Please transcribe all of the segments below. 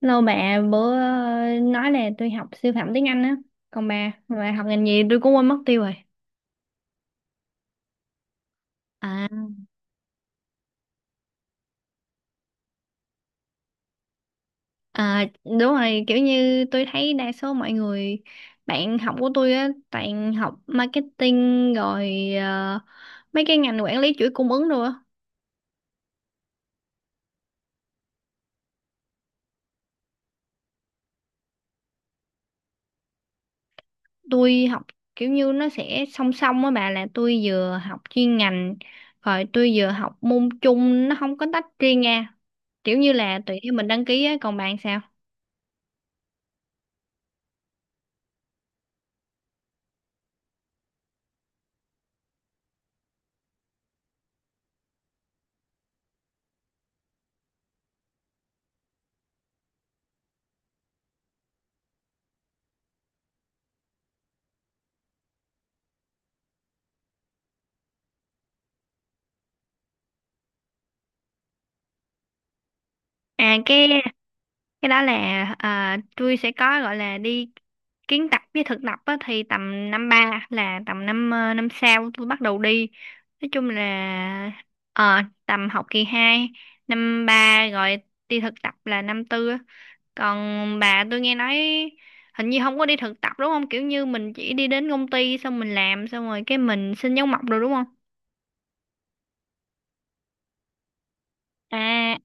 Lâu bà bữa nói là tôi học siêu phẩm tiếng Anh á. Còn bà học ngành gì tôi cũng quên mất tiêu rồi. À, à, đúng rồi, kiểu như tôi thấy đa số mọi người bạn học của tôi á toàn học marketing rồi mấy cái ngành quản lý chuỗi cung ứng rồi á. Tôi học kiểu như nó sẽ song song á bà, là tôi vừa học chuyên ngành rồi tôi vừa học môn chung, nó không có tách riêng nha. Kiểu như là tùy theo mình đăng ký á, còn bạn sao? À cái đó là tôi sẽ có gọi là đi kiến tập với thực tập á, thì tầm năm ba là tầm năm năm sau tôi bắt đầu đi, nói chung là tầm học kỳ 2 năm ba rồi, đi thực tập là năm tư á. Còn bà, tôi nghe nói hình như không có đi thực tập đúng không, kiểu như mình chỉ đi đến công ty xong mình làm xong rồi cái mình xin dấu mộc rồi đúng không? à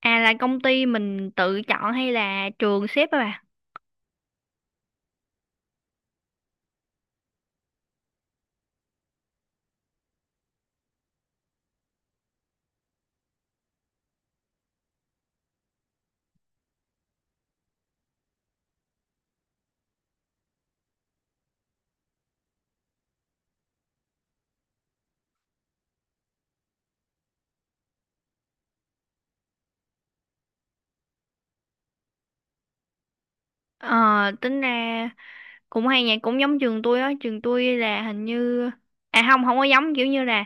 à là công ty mình tự chọn hay là trường xếp á bà? Ờ Tính ra cũng hay nhỉ, cũng giống trường tôi á, trường tôi là hình như à không, không có giống, kiểu như là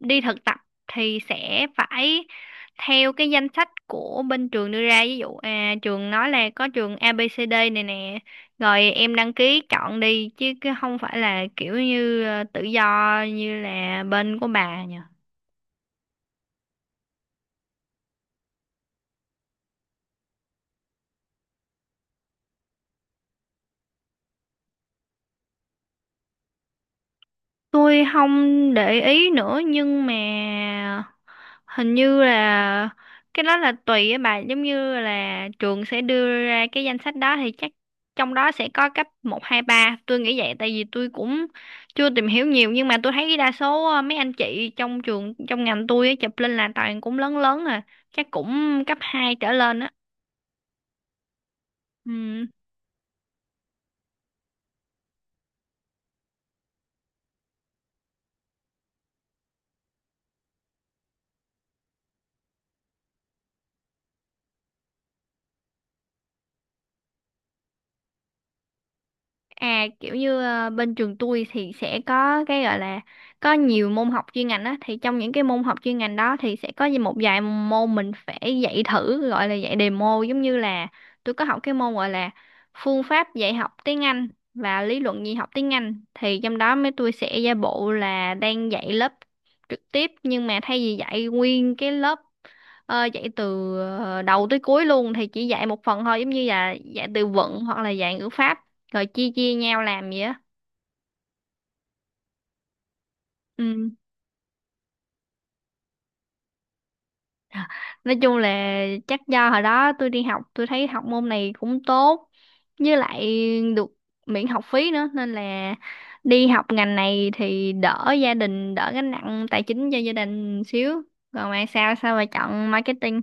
đi thực tập thì sẽ phải theo cái danh sách của bên trường đưa ra, ví dụ à trường nói là có trường a ABCD này nè rồi em đăng ký chọn đi, chứ cái không phải là kiểu như tự do như là bên của bà nhỉ. Tôi không để ý nữa nhưng mà hình như là cái đó là tùy á bà, giống như là trường sẽ đưa ra cái danh sách đó thì chắc trong đó sẽ có cấp một, hai, ba, tôi nghĩ vậy, tại vì tôi cũng chưa tìm hiểu nhiều, nhưng mà tôi thấy đa số mấy anh chị trong trường, trong ngành tôi á, chụp lên là toàn cũng lớn lớn à, chắc cũng cấp 2 trở lên á. Ừ. À kiểu như bên trường tôi thì sẽ có cái gọi là có nhiều môn học chuyên ngành á, thì trong những cái môn học chuyên ngành đó thì sẽ có một vài môn mình phải dạy thử, gọi là dạy demo, giống như là tôi có học cái môn gọi là phương pháp dạy học tiếng Anh và lý luận dạy học tiếng Anh, thì trong đó mấy tôi sẽ giả bộ là đang dạy lớp trực tiếp, nhưng mà thay vì dạy nguyên cái lớp dạy từ đầu tới cuối luôn thì chỉ dạy một phần thôi, giống như là dạy từ vựng hoặc là dạy ngữ pháp rồi chia chia nhau làm vậy á. Ừ. Nói chung là chắc do hồi đó tôi đi học, tôi thấy học môn này cũng tốt, với lại được miễn học phí nữa, nên là đi học ngành này thì đỡ gia đình, đỡ gánh nặng tài chính cho gia đình xíu. Còn bạn sao, sao mà chọn marketing?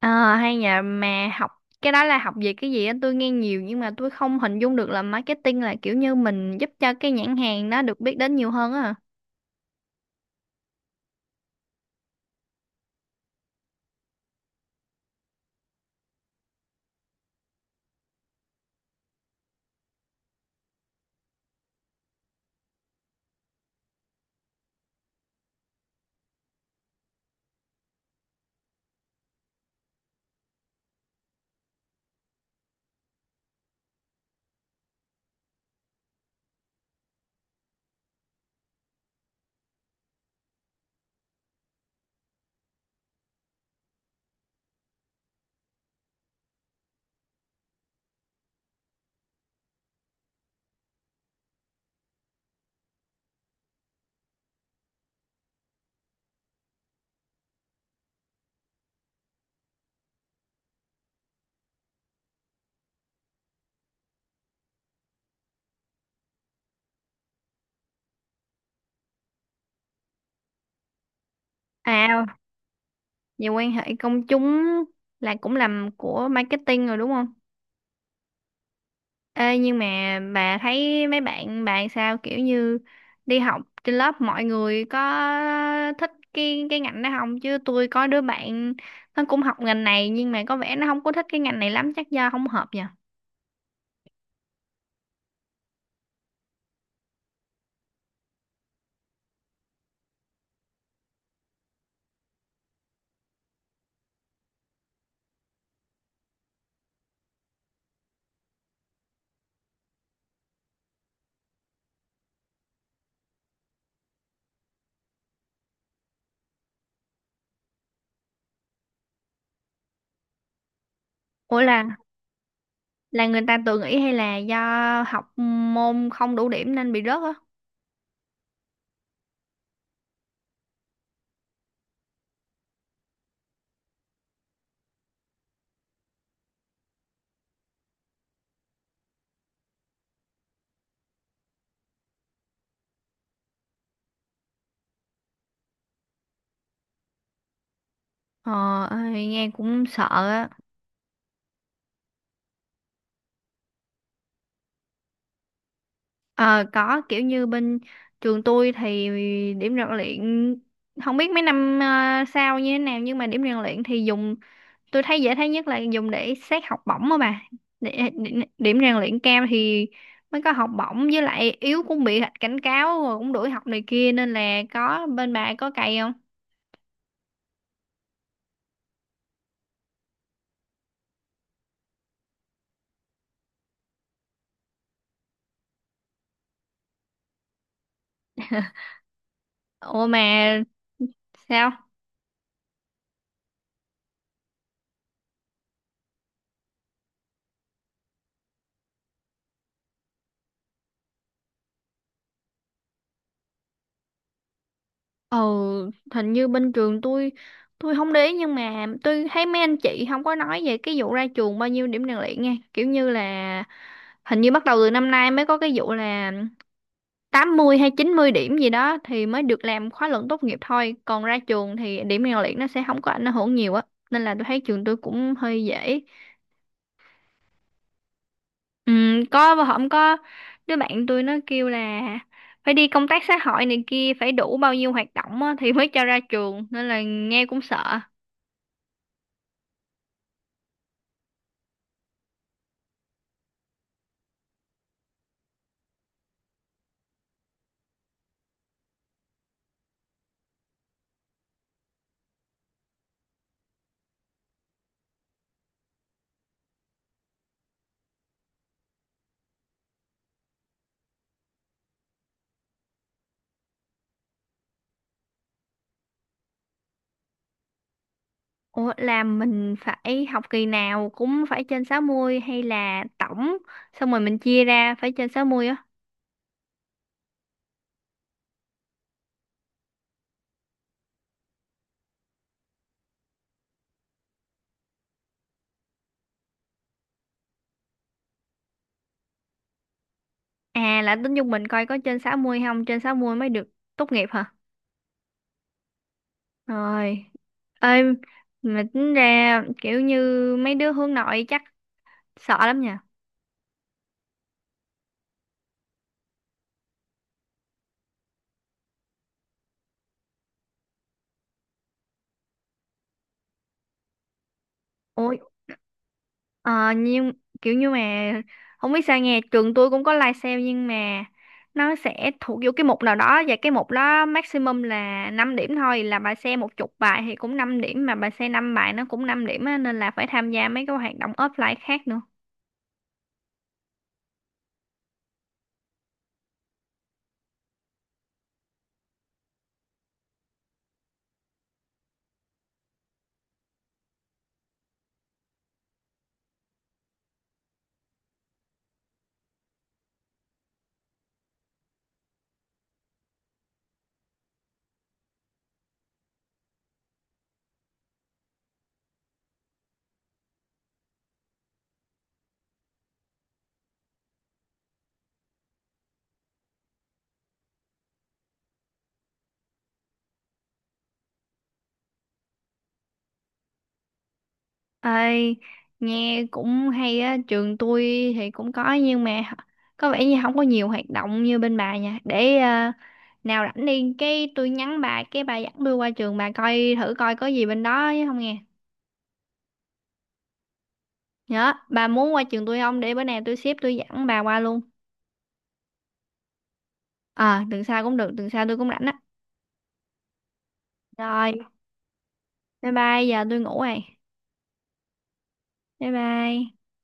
Ờ hay nhờ, mà học cái đó là học về cái gì á, tôi nghe nhiều nhưng mà tôi không hình dung được, là marketing là kiểu như mình giúp cho cái nhãn hàng nó được biết đến nhiều hơn á hả? À, về quan hệ công chúng là cũng làm của marketing rồi đúng không? Ê, nhưng mà bà thấy mấy bạn bạn sao, kiểu như đi học trên lớp mọi người có thích cái ngành đó không? Chứ tôi có đứa bạn nó cũng học ngành này nhưng mà có vẻ nó không có thích cái ngành này lắm, chắc do không hợp nhỉ? Ủa, là người ta tự nghĩ hay là do học môn không đủ điểm nên bị rớt á? Ờ, ơi, nghe cũng sợ á. Ờ có, kiểu như bên trường tôi thì điểm rèn luyện, không biết mấy năm sau như thế nào, nhưng mà điểm rèn luyện thì dùng, tôi thấy dễ thấy nhất là dùng để xét học bổng á bà, để, điểm rèn luyện cao thì mới có học bổng, với lại yếu cũng bị cảnh cáo rồi cũng đuổi học này kia, nên là có, bên bà có cày không? Ủa mà sao. Ờ, hình như bên trường tôi không để ý nhưng mà tôi thấy mấy anh chị không có nói về cái vụ ra trường bao nhiêu điểm rèn luyện nha. Kiểu như là hình như bắt đầu từ năm nay mới có cái vụ là 80 hay 90 điểm gì đó thì mới được làm khóa luận tốt nghiệp thôi. Còn ra trường thì điểm rèn luyện nó sẽ không có ảnh hưởng nhiều á. Nên là tôi thấy trường tôi cũng hơi dễ. Ừ, có và không có, đứa bạn tôi nó kêu là phải đi công tác xã hội này kia, phải đủ bao nhiêu hoạt động á, thì mới cho ra trường, nên là nghe cũng sợ. Ủa, là mình phải học kỳ nào cũng phải trên sáu mươi, hay là tổng xong rồi mình chia ra phải trên 60 á? À là tính chung mình coi có trên 60 không, trên 60 mới được tốt nghiệp hả? Rồi, ơi, mà tính ra kiểu như mấy đứa hướng nội chắc sợ lắm nhỉ. Ôi, ờ, nhưng kiểu như mà không biết sao nghe, trường tôi cũng có live sale nhưng mà nó sẽ thuộc vô cái mục nào đó, và cái mục đó maximum là 5 điểm thôi, là bà xem một chục bài thì cũng 5 điểm, mà bà xem 5 bài nó cũng 5 điểm á, nên là phải tham gia mấy cái hoạt động offline khác nữa. Ơi, nghe cũng hay á, trường tôi thì cũng có nhưng mà có vẻ như không có nhiều hoạt động như bên bà nha. Để nào rảnh đi cái tôi nhắn bà, cái bà dẫn tôi qua trường bà coi thử coi có gì bên đó chứ, không nghe. Nhớ, bà muốn qua trường tôi không, để bữa nào tôi xếp tôi dẫn bà qua luôn. Ờ Tuần sau cũng được, tuần sau tôi cũng rảnh á. Rồi. Bye bye, giờ tôi ngủ rồi. Bye bye.